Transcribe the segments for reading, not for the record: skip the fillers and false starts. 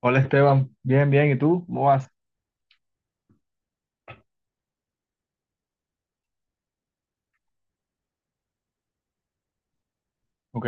Hola Esteban, bien, bien, ¿y tú? ¿Cómo vas? Ok,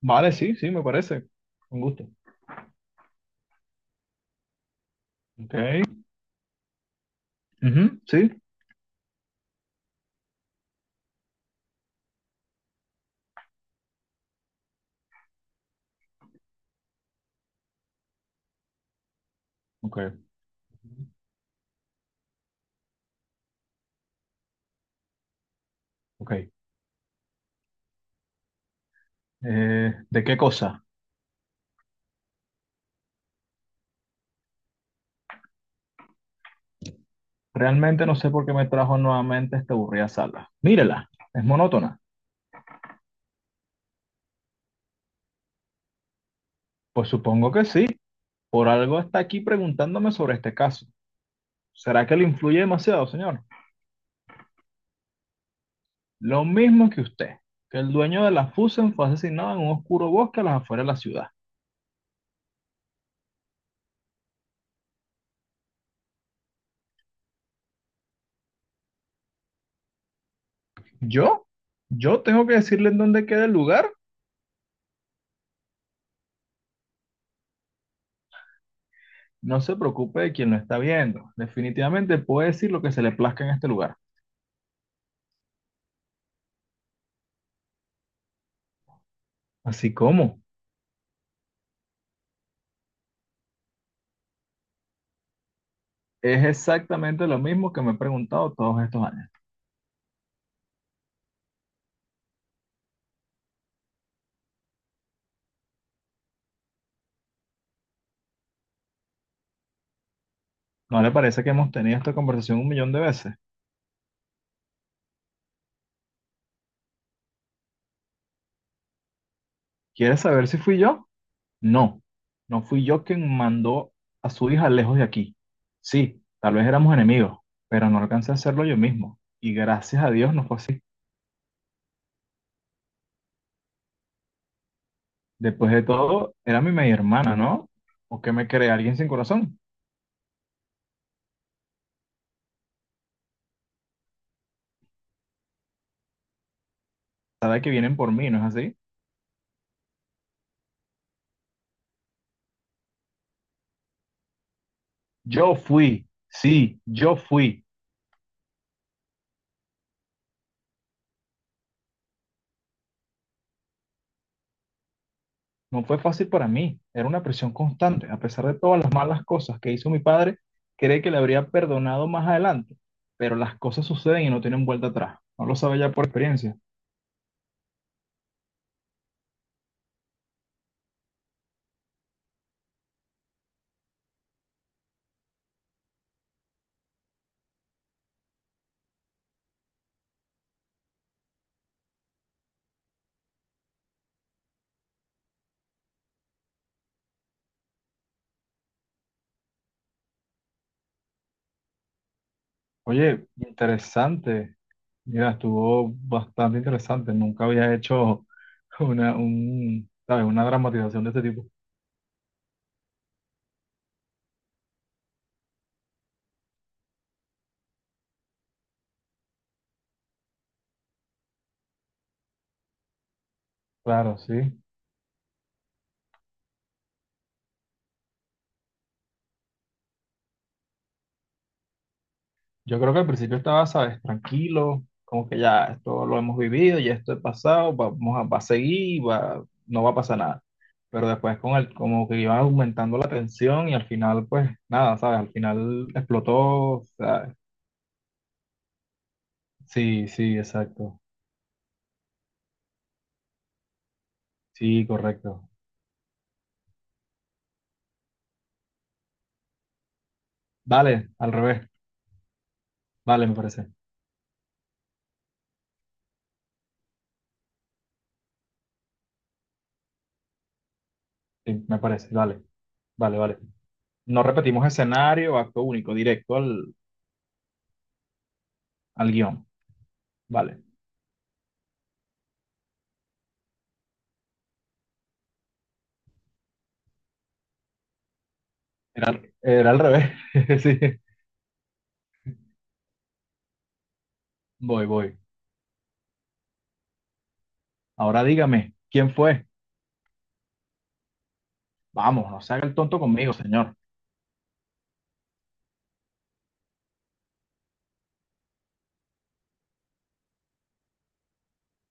vale, sí, sí, me parece, un gusto. Ok, ujú, sí, ok, ok. ¿De qué cosa? Realmente no sé por qué me trajo nuevamente a esta aburrida sala. Mírela, es monótona. Pues supongo que sí, por algo está aquí preguntándome sobre este caso. ¿Será que le influye demasiado, señor? Lo mismo que usted, que el dueño de la Fusen fue asesinado en un oscuro bosque a las afueras de la ciudad. ¿Yo? ¿Yo tengo que decirle en dónde queda el lugar? No se preocupe de quien lo está viendo. Definitivamente puede decir lo que se le plazca en este lugar. Así como es exactamente lo mismo que me he preguntado todos estos años. ¿No le parece que hemos tenido esta conversación un millón de veces? ¿Quiere saber si fui yo? No, no fui yo quien mandó a su hija lejos de aquí. Sí, tal vez éramos enemigos, pero no alcancé a hacerlo yo mismo. Y gracias a Dios no fue así. Después de todo, era mi media hermana, ¿no? ¿O qué me cree alguien sin corazón? Sabe que vienen por mí, ¿no es así? Yo fui, sí, yo fui. No fue fácil para mí, era una presión constante. A pesar de todas las malas cosas que hizo mi padre, cree que le habría perdonado más adelante, pero las cosas suceden y no tienen vuelta atrás. No lo sabe ya por experiencia. Oye, interesante. Mira, estuvo bastante interesante. Nunca había hecho ¿sabes? Una dramatización de este tipo. Claro, sí. Yo creo que al principio estaba, sabes, tranquilo, como que ya esto lo hemos vivido, ya esto es pasado, vamos a, va a seguir, va, no va a pasar nada. Pero después con como que iba aumentando la tensión y al final, pues nada, sabes, al final explotó. O sea, sí, sí, exacto. Sí, correcto. Vale, al revés. Vale, me parece. Sí, me parece. Vale, vale, vale. No repetimos escenario, acto único, al guión. Vale. Era al revés. Sí, voy. Ahora dígame, ¿quién fue? Vamos, no se haga el tonto conmigo, señor.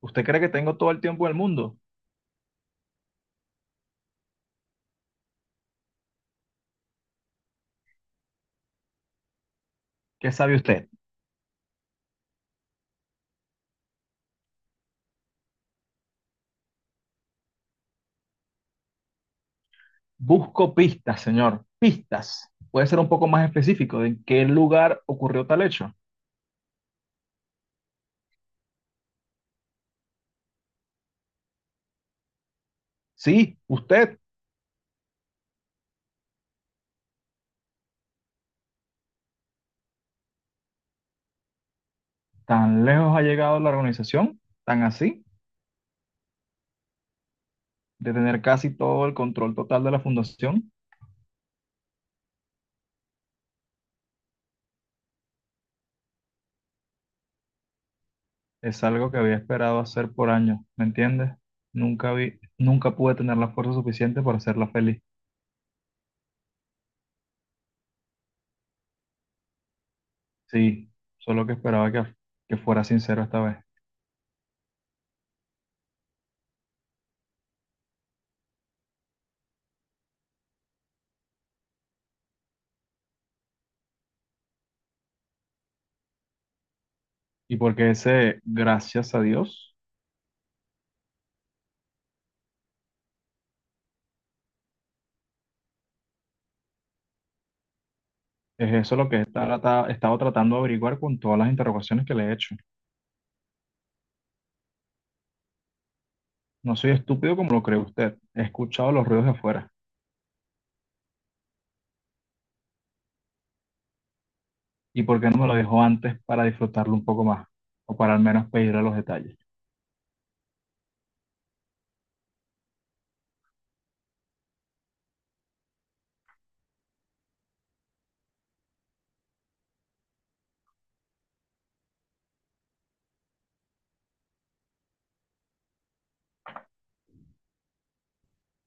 ¿Usted cree que tengo todo el tiempo del mundo? ¿Qué sabe usted? Busco pistas, señor. Pistas. ¿Puede ser un poco más específico de en qué lugar ocurrió tal hecho? Sí, usted. ¿Tan lejos ha llegado la organización? ¿Tan así? De tener casi todo el control total de la fundación. Es algo que había esperado hacer por años, ¿me entiendes? Nunca pude tener la fuerza suficiente para hacerla feliz. Sí, solo que esperaba que fuera sincero esta vez. Y porque ese, gracias a Dios, es eso lo que he estado tratando de averiguar con todas las interrogaciones que le he hecho. No soy estúpido como lo cree usted. He escuchado los ruidos de afuera. ¿Y por qué no me lo dejó antes para disfrutarlo un poco más? O para al menos pedirle los detalles.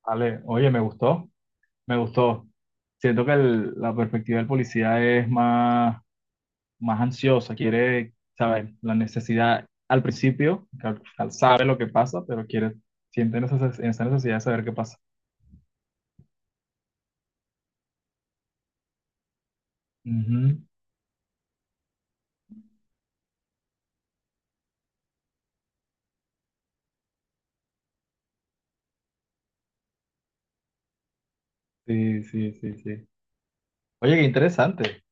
Vale, oye, me gustó. Siento que la perspectiva del policía es más ansiosa, quiere saber la necesidad al principio, sabe lo que pasa, pero siente esa necesidad de saber qué pasa. Sí, sí, sí, sí. Oye,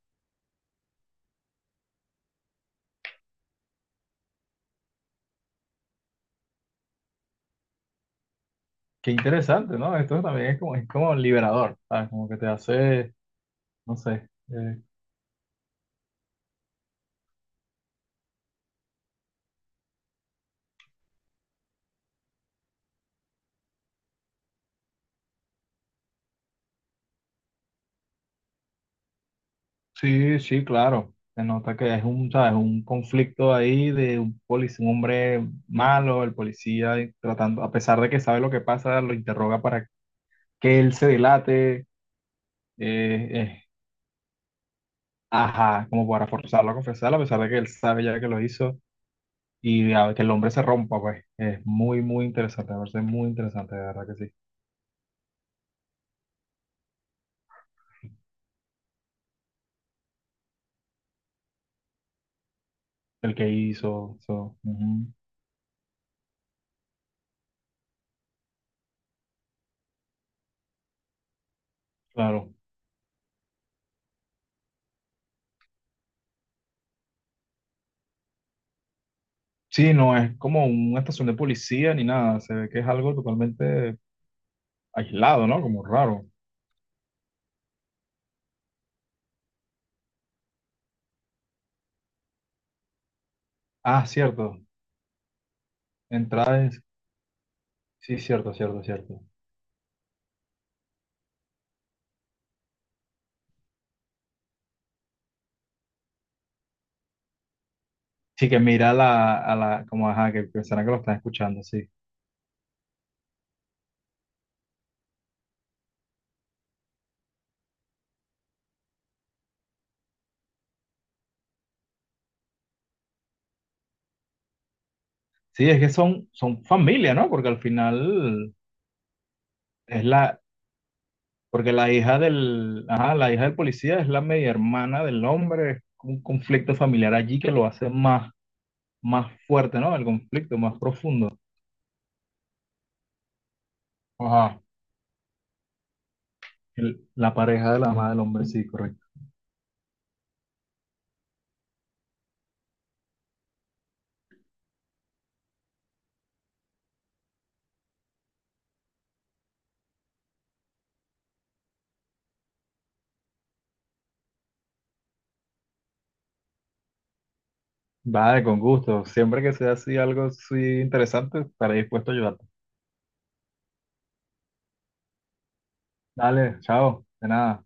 qué interesante, ¿no? Esto también es como liberador, ¿sabes? Como que te hace, no sé. Sí, sí, claro. Se nota que es un, ¿sabes? Un conflicto ahí de un policía, un hombre malo, el policía y tratando, a pesar de que sabe lo que pasa, lo interroga para que él se delate, eh, eh, ajá, como para forzarlo a confesar, a pesar de que él sabe ya que lo hizo y que el hombre se rompa, pues. Es muy, muy interesante, me parece muy interesante, de verdad que sí. El que hizo. So, ujú, claro. Sí, no es como una estación de policía ni nada. Se ve que es algo totalmente aislado, ¿no? Como raro. Ah, cierto. Entradas. Sí, cierto, cierto, cierto. Sí, que mira como ajá, que pensarán que lo están escuchando, sí. Sí, es que son familia, ¿no? Porque al final es la, porque la hija del, ajá, la hija del policía es la media hermana del hombre. Es un conflicto familiar allí que lo hace más fuerte, ¿no? El conflicto más profundo. Ajá. La pareja de la madre del hombre, sí, correcto. Vale, con gusto. Siempre que sea así algo así interesante, estaré dispuesto a ayudarte. Dale, chao. De nada.